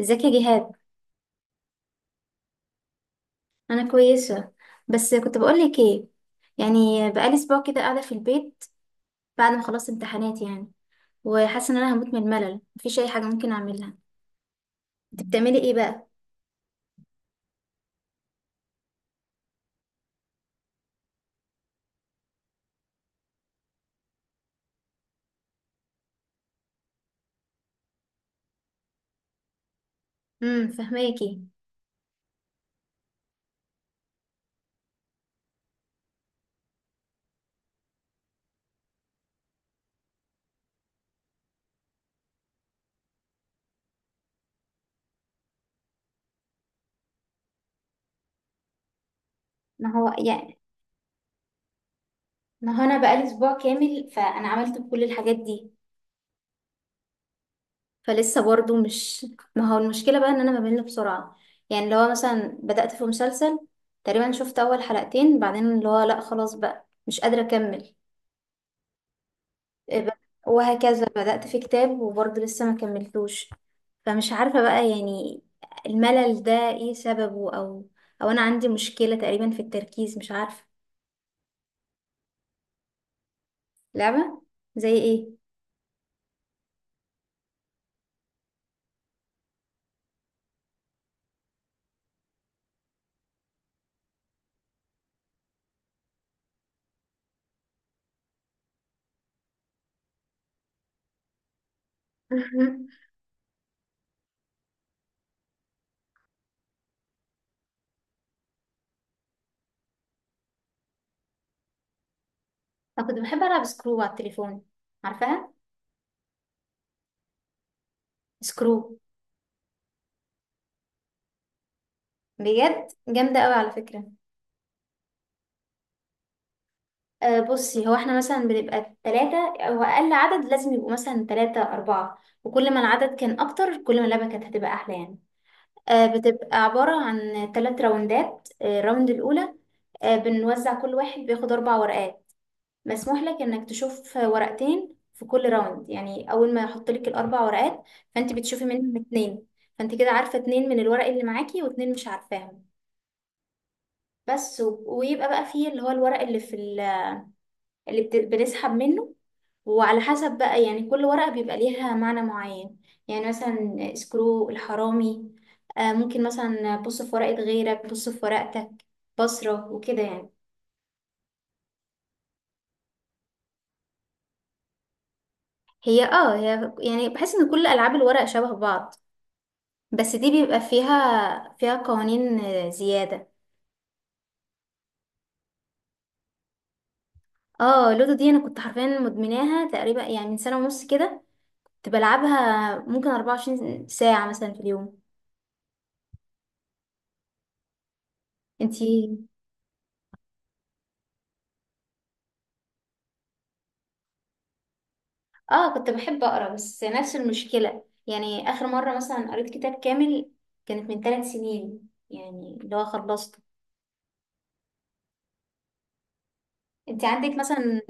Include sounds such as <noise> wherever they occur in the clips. ازيك يا جهاد؟ انا كويسه. بس كنت بقول لك ايه، يعني بقالي اسبوع كده قاعده في البيت بعد ما خلصت امتحانات يعني، وحاسه ان انا هموت من الملل، مفيش اي حاجه ممكن اعملها. انت بتعملي ايه بقى؟ فهماكي. ما هو يعني. ما هو انا بقالي اسبوع كامل فانا عملت كل الحاجات دي، فلسه برضه مش. ما هو المشكله بقى ان انا بمل بسرعه. يعني اللي هو مثلا بدات في مسلسل، تقريبا شفت اول حلقتين بعدين اللي هو لا خلاص بقى مش قادره اكمل. وهكذا بدأت في كتاب وبرضه لسه ما كملتوش. فمش عارفة بقى، يعني الملل ده ايه سببه، او انا عندي مشكلة تقريبا في التركيز، مش عارفة. لعبة زي ايه؟ <laughs> انا كنت بحب العب سكرو على التليفون، عارفاها؟ سكرو. بجد جامدة قوي على فكرة. أه بصي، هو احنا مثلا بنبقى ثلاثة او اقل، عدد لازم يبقوا مثلا ثلاثة اربعة، وكل ما العدد كان اكتر كل ما اللعبة كانت هتبقى احلى يعني. بتبقى عبارة عن ثلاث راوندات. الراوند الأولى، بنوزع كل واحد بياخد أربع ورقات. مسموح لك إنك تشوف ورقتين في كل راوند، يعني أول ما يحط لك الأربع ورقات فأنت بتشوفي منهم اتنين. فأنت كده عارفة اتنين من الورق اللي معاكي واتنين مش عارفاهم. بس ويبقى بقى فيه اللي هو الورق اللي في اللي بنسحب منه. وعلى حسب بقى، يعني كل ورقة بيبقى ليها معنى معين. يعني مثلا سكرو الحرامي، ممكن مثلا بص في ورقة غيرك، بص في ورقتك، بصرة وكده يعني. هي يعني بحس ان كل ألعاب الورق شبه بعض، بس دي بيبقى فيها قوانين زيادة. اه، لودو دي انا كنت حرفيا مدمناها، تقريبا يعني من سنة ونص كده كنت بلعبها، ممكن 24 ساعة مثلا في اليوم. انتي؟ اه، كنت بحب اقرا، بس نفس المشكله. يعني اخر مره مثلا قريت كتاب كامل كانت من 3 سنين يعني اللي هو خلصته. انت عندك مثلا؟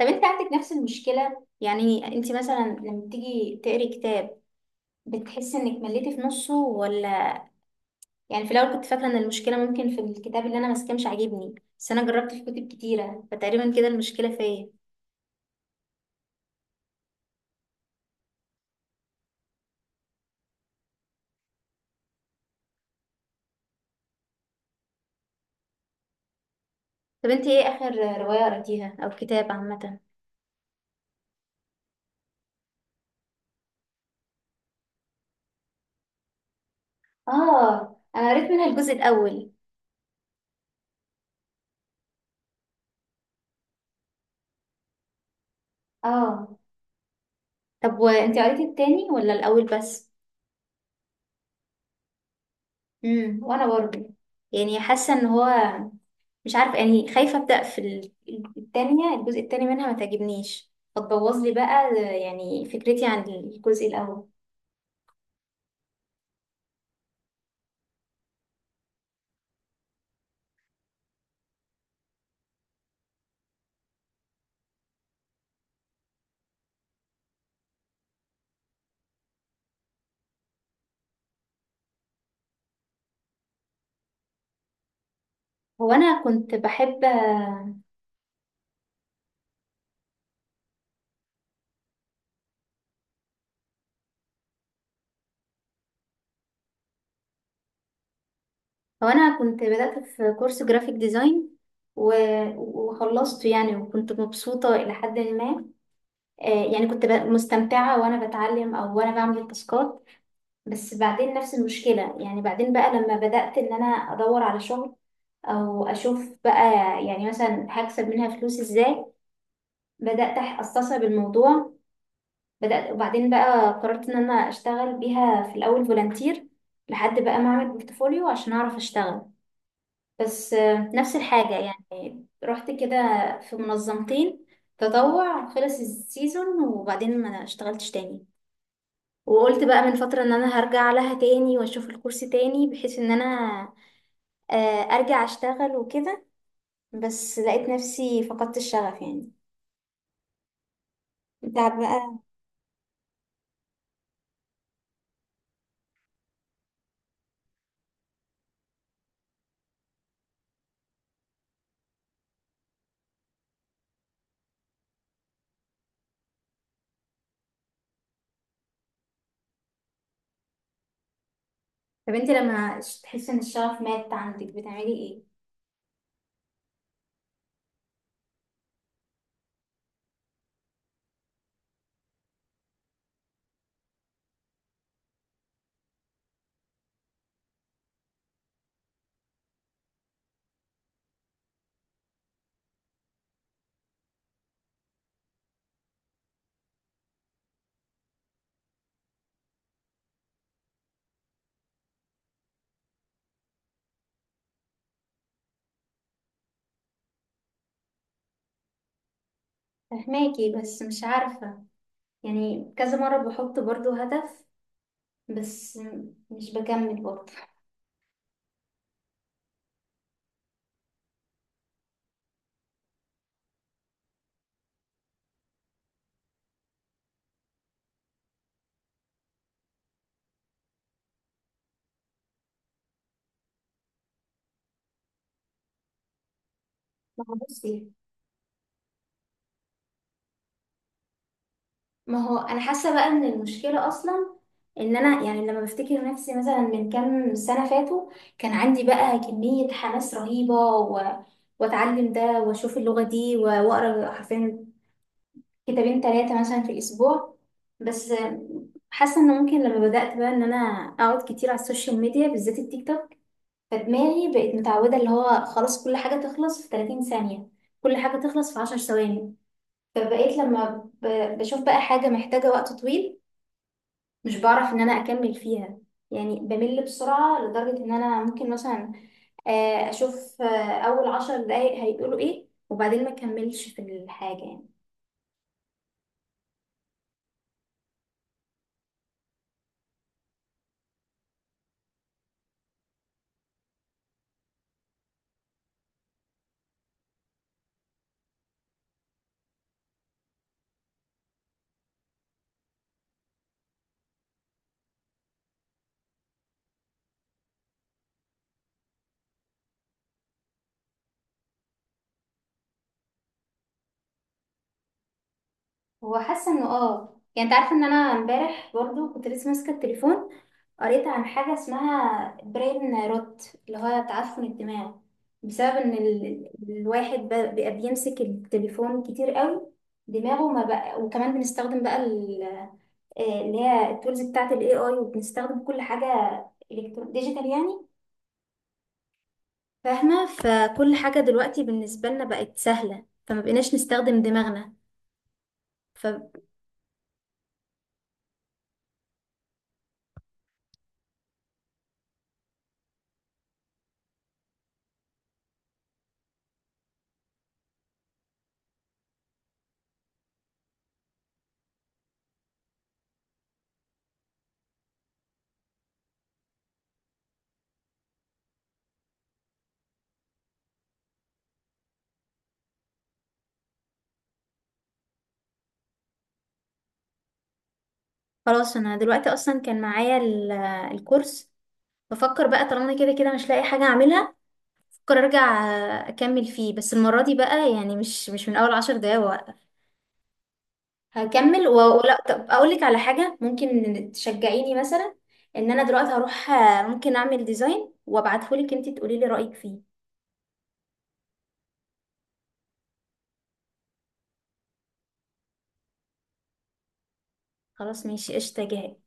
طب انت عندك نفس المشكله؟ يعني انت مثلا لما تيجي تقري كتاب، بتحس انك مليتي في نصه ولا؟ يعني في الاول كنت فاكره ان المشكله ممكن في الكتاب اللي انا ماسكاه مش عاجبني، بس انا جربت في كتب كتيره فتقريبا كده المشكله فيا. طب انت ايه اخر روايه قريتيها او كتاب عامه؟ اه، انا قريت منها الجزء الاول. اه، طب وانت قريتي التاني ولا الاول بس؟ وانا برضه يعني حاسه ان هو، مش عارفه، يعني خايفه ابدا في التانية، الجزء التاني منها ما تعجبنيش فتبوظ لي بقى يعني فكرتي عن الجزء الاول. هو انا كنت بحب هو انا كنت بدات في كورس جرافيك ديزاين و... وخلصته يعني، وكنت مبسوطه الى حد ما. يعني كنت مستمتعه وانا بتعلم او وانا بعمل التاسكات. بس بعدين نفس المشكلة، يعني بعدين بقى لما بدأت إن أنا أدور على شغل، أو أشوف بقى يعني مثلا هكسب منها فلوس إزاي، بدأت أستصعب الموضوع. بدأت وبعدين بقى قررت إن أنا أشتغل بيها في الأول فولنتير، لحد بقى ما أعمل بورتفوليو عشان أعرف أشتغل. بس نفس الحاجة يعني. رحت كده في منظمتين تطوع، خلص السيزون وبعدين ما اشتغلتش تاني. وقلت بقى من فترة ان انا هرجع لها تاني، واشوف الكورس تاني بحيث ان انا آه، ارجع اشتغل وكده. بس لقيت نفسي فقدت الشغف يعني، انت عارفة بقى. طب انت لما تحسي ان الشغف مات عندك بتعملي ايه؟ فهماكي، بس مش عارفة. يعني كذا مرة بحط برضو هدف، بس مش بكمل برضو. ما هو بصي، ما هو انا حاسه بقى ان المشكله اصلا ان انا، يعني لما بفتكر نفسي مثلا من كام سنه فاتوا، كان عندي بقى كميه حماس رهيبه، واتعلم ده واشوف اللغه دي واقرا حرفيا كتابين تلاتة مثلا في الأسبوع. بس حاسة إن ممكن لما بدأت بقى إن أنا أقعد كتير على السوشيال ميديا، بالذات التيك توك، فدماغي بقت متعودة اللي هو خلاص كل حاجة تخلص في 30 ثانية، كل حاجة تخلص في 10 ثواني. فبقيت لما بشوف بقى حاجة محتاجة وقت طويل، مش بعرف إن أنا أكمل فيها. يعني بمل بسرعة لدرجة إن أنا ممكن مثلا أشوف أول 10 دقايق هيقولوا إيه وبعدين ما أكملش في الحاجة يعني. هو حاسه انه يعني انت عارفه ان انا امبارح برضو كنت لسه ماسكه التليفون، قريت عن حاجه اسمها برين روت، اللي هو تعفن الدماغ بسبب ان الواحد بقى بيمسك التليفون كتير قوي، دماغه ما بقى. وكمان بنستخدم بقى اللي هي التولز بتاعه الاي اي، وبنستخدم كل حاجه الكترون ديجيتال يعني، فاهمه؟ فكل حاجه دلوقتي بالنسبه لنا بقت سهله فما بقيناش نستخدم دماغنا. خلاص انا دلوقتي اصلا كان معايا الكورس، بفكر بقى طالما انا كده كده مش لاقي حاجه اعملها، بفكر ارجع اكمل فيه، بس المره دي بقى يعني مش من اول 10 دقايق وقف، هكمل. ولا طب اقول لك على حاجه ممكن تشجعيني مثلا؟ ان انا دلوقتي هروح ممكن اعمل ديزاين وابعتهولك انت تقولي لي رايك فيه. خلاص ماشي، قشطه جهاد.